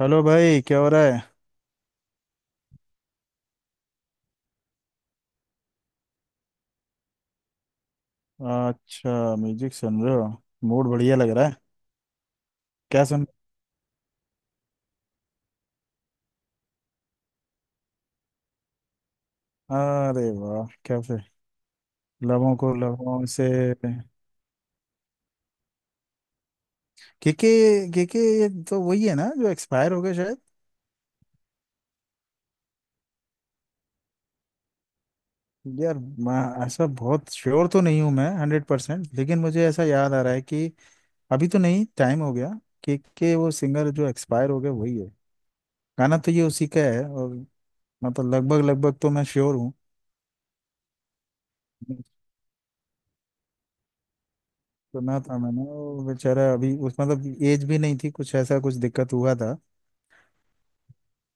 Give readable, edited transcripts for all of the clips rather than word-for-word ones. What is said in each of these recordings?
Hello भाई, क्या हो रहा है? अच्छा, म्यूजिक सुन रहे हो? मूड बढ़िया लग रहा है। क्या सुन? अरे वाह, क्या फिर! लबों को लबों से। क्योंकि क्योंकि ये तो वही है ना जो एक्सपायर हो गए शायद। यार, मैं ऐसा बहुत श्योर तो नहीं हूँ मैं हंड्रेड परसेंट, लेकिन मुझे ऐसा याद आ रहा है कि अभी तो नहीं, टाइम हो गया के वो सिंगर जो एक्सपायर हो गए वही है। गाना तो ये उसी का है, और मतलब लगभग लगभग तो मैं श्योर हूँ। सुना था मैंने, वो बेचारा अभी, उस मतलब एज भी नहीं थी, कुछ ऐसा, कुछ दिक्कत हुआ था।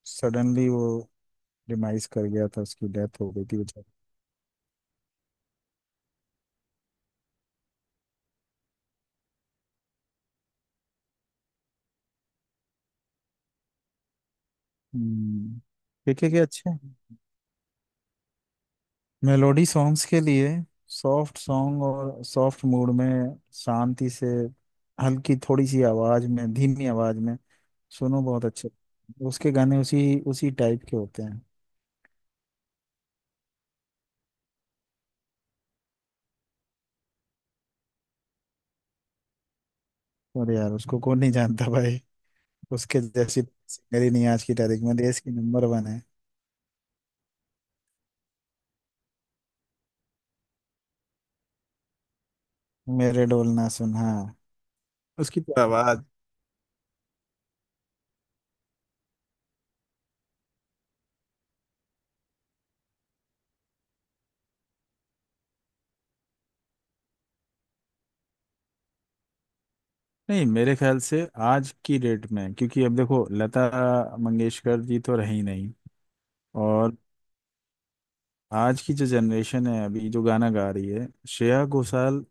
सडनली वो डिमाइस कर गया था, उसकी डेथ हो गई थी बेचारा। हम्म। देखिए कि अच्छे मेलोडी सॉन्ग्स के लिए, सॉफ्ट सॉन्ग और सॉफ्ट मूड में, शांति से, हल्की थोड़ी सी आवाज में, धीमी आवाज में सुनो, बहुत अच्छे। उसके गाने उसी उसी टाइप के होते हैं। और यार, उसको कौन नहीं जानता भाई! उसके जैसी सिंगर ही नहीं आज की तारीख में, देश की नंबर वन है। मेरे डोल ना सुन, हाँ। उसकी तो आवाज! नहीं, मेरे ख्याल से आज की डेट में, क्योंकि अब देखो, लता मंगेशकर जी तो रही नहीं। और आज की जो जनरेशन है, अभी जो गाना गा रही है, Shreya Ghoshal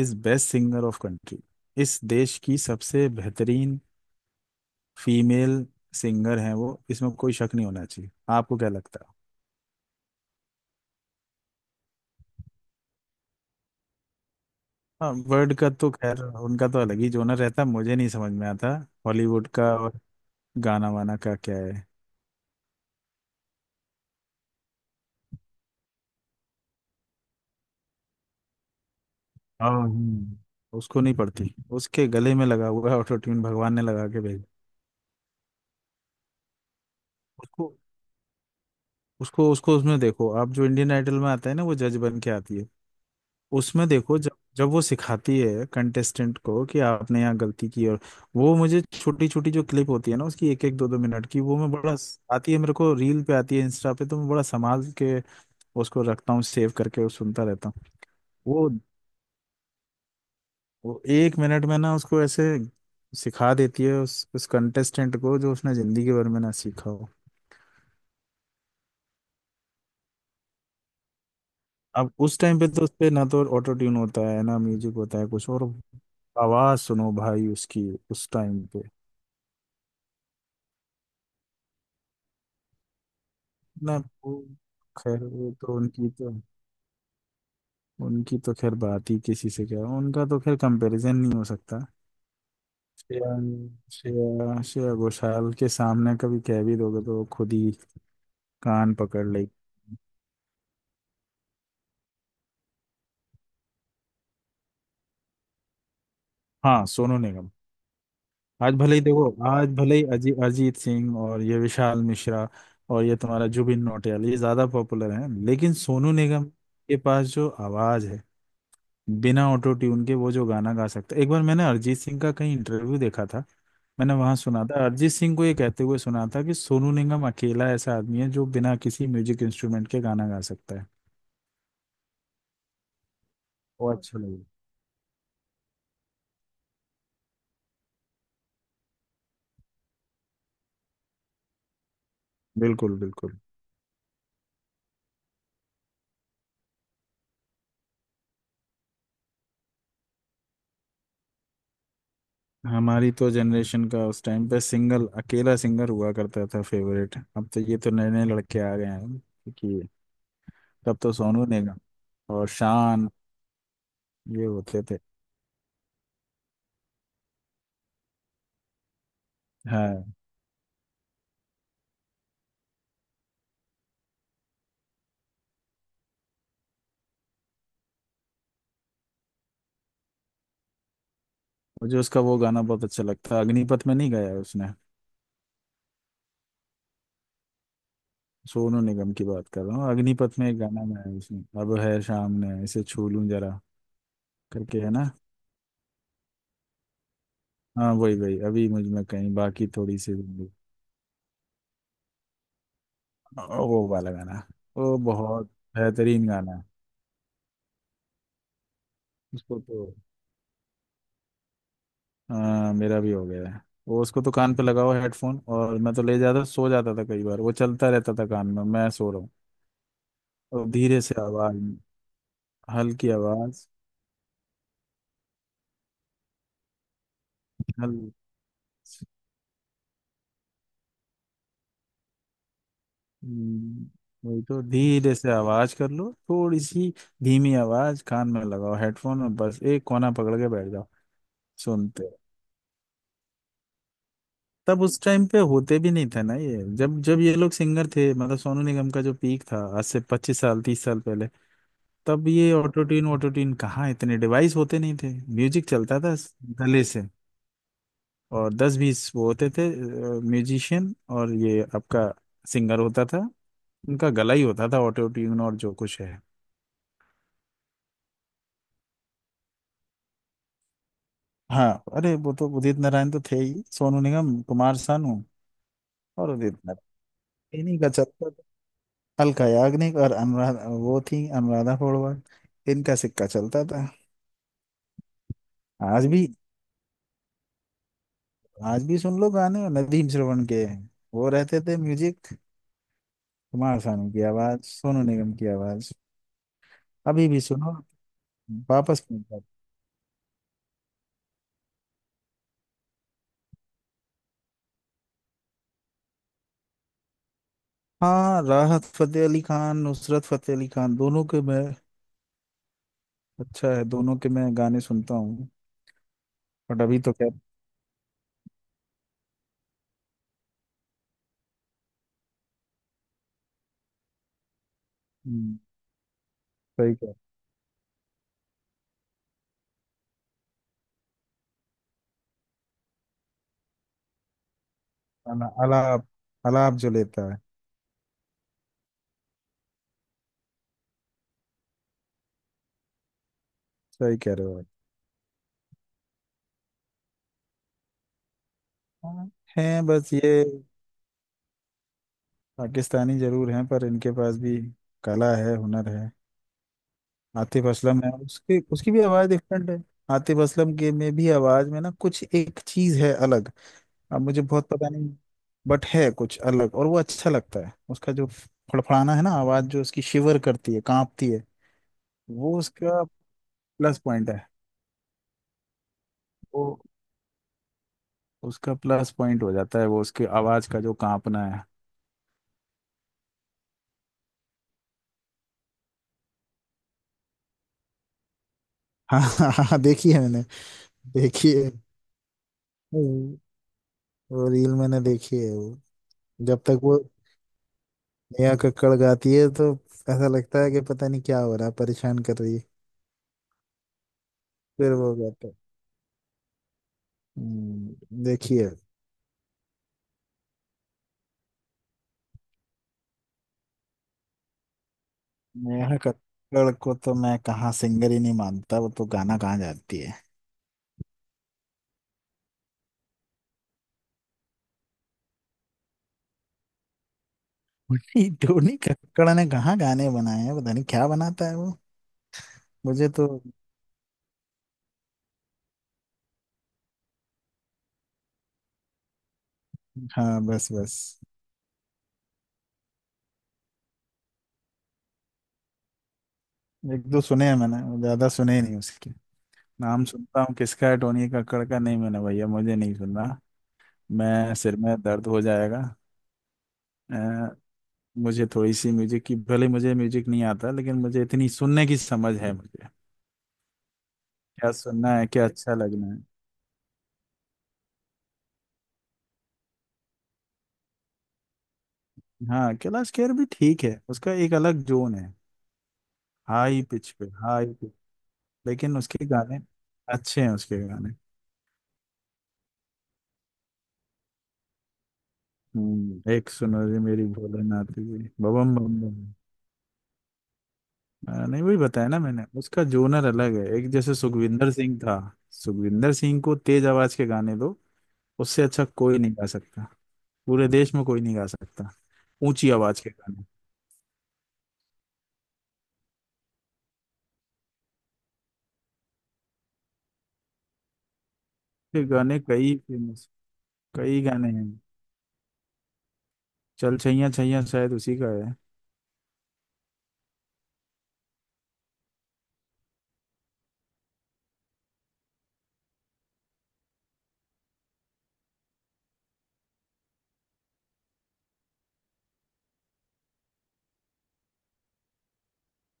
is best singer of country. इस देश की सबसे बेहतरीन फीमेल सिंगर हैं वो, इसमें कोई शक नहीं होना चाहिए। आपको क्या लगता है? हाँ, वर्ल्ड का तो खैर उनका तो अलग ही जोनर रहता, मुझे नहीं समझ में आता हॉलीवुड का, और गाना वाना का क्या है। हाँ। उसको नहीं पड़ती, उसके गले में लगा हुआ है ऑटो ट्यून, भगवान ने लगा के भेजा। उसको उसको उसको उसमें देखो, आप जो इंडियन आइडल में आता है ना, वो जज बन के आती है। उसमें देखो जब जब वो सिखाती है कंटेस्टेंट को कि आपने यहाँ गलती की, और वो मुझे छोटी छोटी जो क्लिप होती है ना उसकी, एक एक दो दो मिनट की, वो मैं बड़ा आती है, मेरे को रील पे आती है, इंस्टा पे तो मैं बड़ा संभाल के उसको रखता हूँ, सेव करके, और सुनता रहता हूँ। वो वो एक मिनट में ना उसको ऐसे सिखा देती है उस कंटेस्टेंट को जो उसने जिंदगी भर में ना सीखा हो। अब उस टाइम पे तो उस पे ना तो ऑटो ट्यून होता है ना म्यूजिक होता है, कुछ और, आवाज सुनो भाई उसकी उस टाइम पे। ना, वो खैर, वो तो उनकी तो, उनकी तो खैर बात ही किसी से क्या, उनका तो खैर कंपैरिजन नहीं हो सकता। श्रेया श्रेया श्रेया घोषाल के सामने कभी कह भी दोगे तो वो खुद ही कान पकड़ लेगी। हाँ, सोनू निगम। आज भले ही देखो, आज भले ही अरिजीत सिंह और ये विशाल मिश्रा और ये तुम्हारा जुबिन नौटियाल, ये ज्यादा पॉपुलर हैं, लेकिन सोनू निगम के पास जो आवाज है बिना ऑटो ट्यून के, वो जो गाना गा सकता है। एक बार मैंने अरिजीत सिंह का कहीं इंटरव्यू देखा था, मैंने वहां सुना था अरिजीत सिंह को ये कहते हुए सुना था कि सोनू निगम अकेला ऐसा आदमी है जो बिना किसी म्यूजिक इंस्ट्रूमेंट के गाना गा सकता है। वो अच्छा लगे। बिल्कुल बिल्कुल। हमारी तो जनरेशन का उस टाइम पे सिंगल अकेला सिंगर हुआ करता था फेवरेट, अब तो ये तो नए नए लड़के आ गए हैं क्योंकि, तब तो सोनू निगम और शान ये होते थे। हाँ, मुझे उसका वो गाना बहुत अच्छा लगता है, अग्निपथ में नहीं गाया है उसने? सोनू निगम की बात कर रहा हूँ, अग्निपथ में एक गाना गाया है उसने, अब है शाम ने इसे छू लूं जरा करके है ना, हाँ वही वही, अभी मुझ में कहीं बाकी थोड़ी सी जिंदगी। वो वाला गाना, वो बहुत बेहतरीन गाना है। उसको तो, हाँ मेरा भी हो गया है। वो उसको तो कान पे लगाओ हेडफोन, और मैं तो ले जाता सो जाता था कई बार, वो चलता रहता था कान में, मैं सो रहा हूँ। और धीरे से आवाज, हल्की आवाज। हल हम्म, वही तो, धीरे से आवाज कर लो थोड़ी सी, धीमी आवाज कान में लगाओ हेडफोन, और बस एक कोना पकड़ के बैठ जाओ, सुनते रहो। तब उस टाइम पे होते भी नहीं था ना ये, जब जब ये लोग सिंगर थे, मतलब सोनू निगम का जो पीक था, आज से पच्चीस साल तीस साल पहले, तब ये ऑटो ट्यून कहाँ, इतने डिवाइस होते नहीं थे। म्यूजिक चलता था गले से, और दस बीस वो होते थे म्यूजिशियन, और ये आपका सिंगर होता था, उनका गला ही होता था ऑटो ट्यून और जो कुछ है। हाँ, अरे वो तो उदित नारायण तो थे ही, सोनू निगम, कुमार सानू और उदित नारायण, इन्हीं का चलता था। अलका याग्निक और अनुराधा, वो थी अनुराधा पौडवाल, इनका सिक्का चलता था। आज भी, आज भी सुन लो गाने नदीम श्रवण के, वो रहते थे म्यूजिक, कुमार सानू की आवाज, सोनू निगम की आवाज, अभी भी सुनो, वापस नहीं जाते। हाँ, राहत फतेह अली खान, नुसरत फतेह अली खान, दोनों के मैं, अच्छा है, दोनों के मैं गाने सुनता हूँ। बट अभी तो क्या। हम्म, सही कह, अलाप, अलाप जो लेता है। सही कह रहे हो आप। हाँ। हैं बस ये पाकिस्तानी जरूर हैं, पर इनके पास भी कला है, हुनर है। आतिफ असलम है, उसकी उसकी भी आवाज डिफरेंट है। आतिफ असलम के में भी आवाज में ना कुछ एक चीज है अलग। अब मुझे बहुत पता नहीं, बट है कुछ अलग, और वो अच्छा लगता है उसका, जो फड़फड़ाना है ना आवाज, जो उसकी शिवर करती है, कांपती है। वो उसका प्लस पॉइंट है। वो उसका प्लस पॉइंट हो जाता है, वो उसकी आवाज का जो कांपना है। हाँ, हाँ हाँ, देखी है मैंने। देखी है वो वो रील मैंने देखी है वो। जब तक वो नेहा कक्कड़ गाती है तो ऐसा लगता है कि पता नहीं क्या हो रहा है, परेशान कर रही है। फिर वो गाता है। हम्म, देखी है। नेहा कक्कड़ को तो मैं कहाँ सिंगर ही नहीं मानता, वो तो गाना कहाँ जाती है। उन्हीं धोनी कक्कड़ ने कहाँ गाने बनाए हैं, पता नहीं क्या बनाता है वो। मुझे तो, हाँ, बस बस, एक दो सुने हैं मैंने, ज्यादा सुने ही नहीं उसके, नाम सुनता हूँ किसका है, टोनी कक्कड़ का? नहीं मैंने भैया, मुझे नहीं सुनना, मैं सिर में दर्द हो जाएगा। अ, मुझे थोड़ी सी म्यूजिक की, भले मुझे म्यूजिक नहीं आता, लेकिन मुझे इतनी सुनने की समझ है मुझे, क्या सुनना है, क्या अच्छा लगना है। हाँ कैलाश खेर भी ठीक है, उसका एक अलग जोन है। हाई पिच पे, हाई पिच। लेकिन उसके गाने अच्छे हैं, उसके गाने। एक सुनो जी मेरी भोलेनाथ जी बबम बम बम। हाँ, नहीं वही बताया ना मैंने, उसका जोनर अलग है, एक जैसे सुखविंदर सिंह था। सुखविंदर सिंह को तेज आवाज के गाने दो, उससे अच्छा कोई नहीं गा सकता, पूरे देश में कोई नहीं गा सकता। ऊंची आवाज के गाने, उसके गाने कई फेमस, कई गाने हैं। चल छैया छैया शायद उसी का है।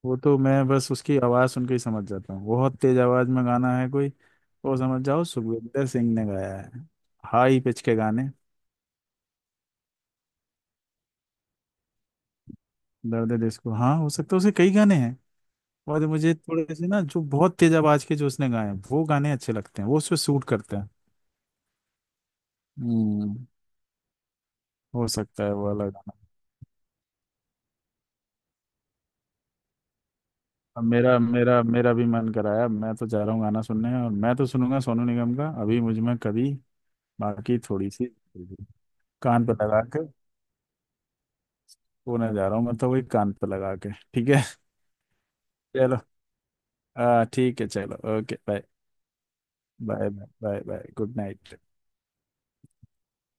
वो तो मैं बस उसकी आवाज़ सुन के ही समझ जाता हूँ, बहुत तेज आवाज़ में गाना है कोई, वो समझ जाओ सुखविंदर सिंह ने गाया है। हाई पिच के गाने। दर्द है दिल को, हाँ हो सकता है, उसे कई गाने हैं। और मुझे थोड़े से ना जो बहुत तेज आवाज के जो उसने गाए हैं, वो गाने अच्छे लगते हैं, वो उस पर सूट करते हैं। हम्म हो सकता है वो वाला गाना। अब मेरा मेरा मेरा भी मन कराया, मैं तो जा रहा हूँ गाना सुनने, और मैं तो सुनूंगा सोनू निगम का, अभी मुझ में कभी बाकी थोड़ी सी, कान पर लगा के। पुणे जा रहा हूँ मैं, तो वही कान पे लगा के। ठीक है चलो, ठीक है चलो, okay bye, bye, bye, bye good night.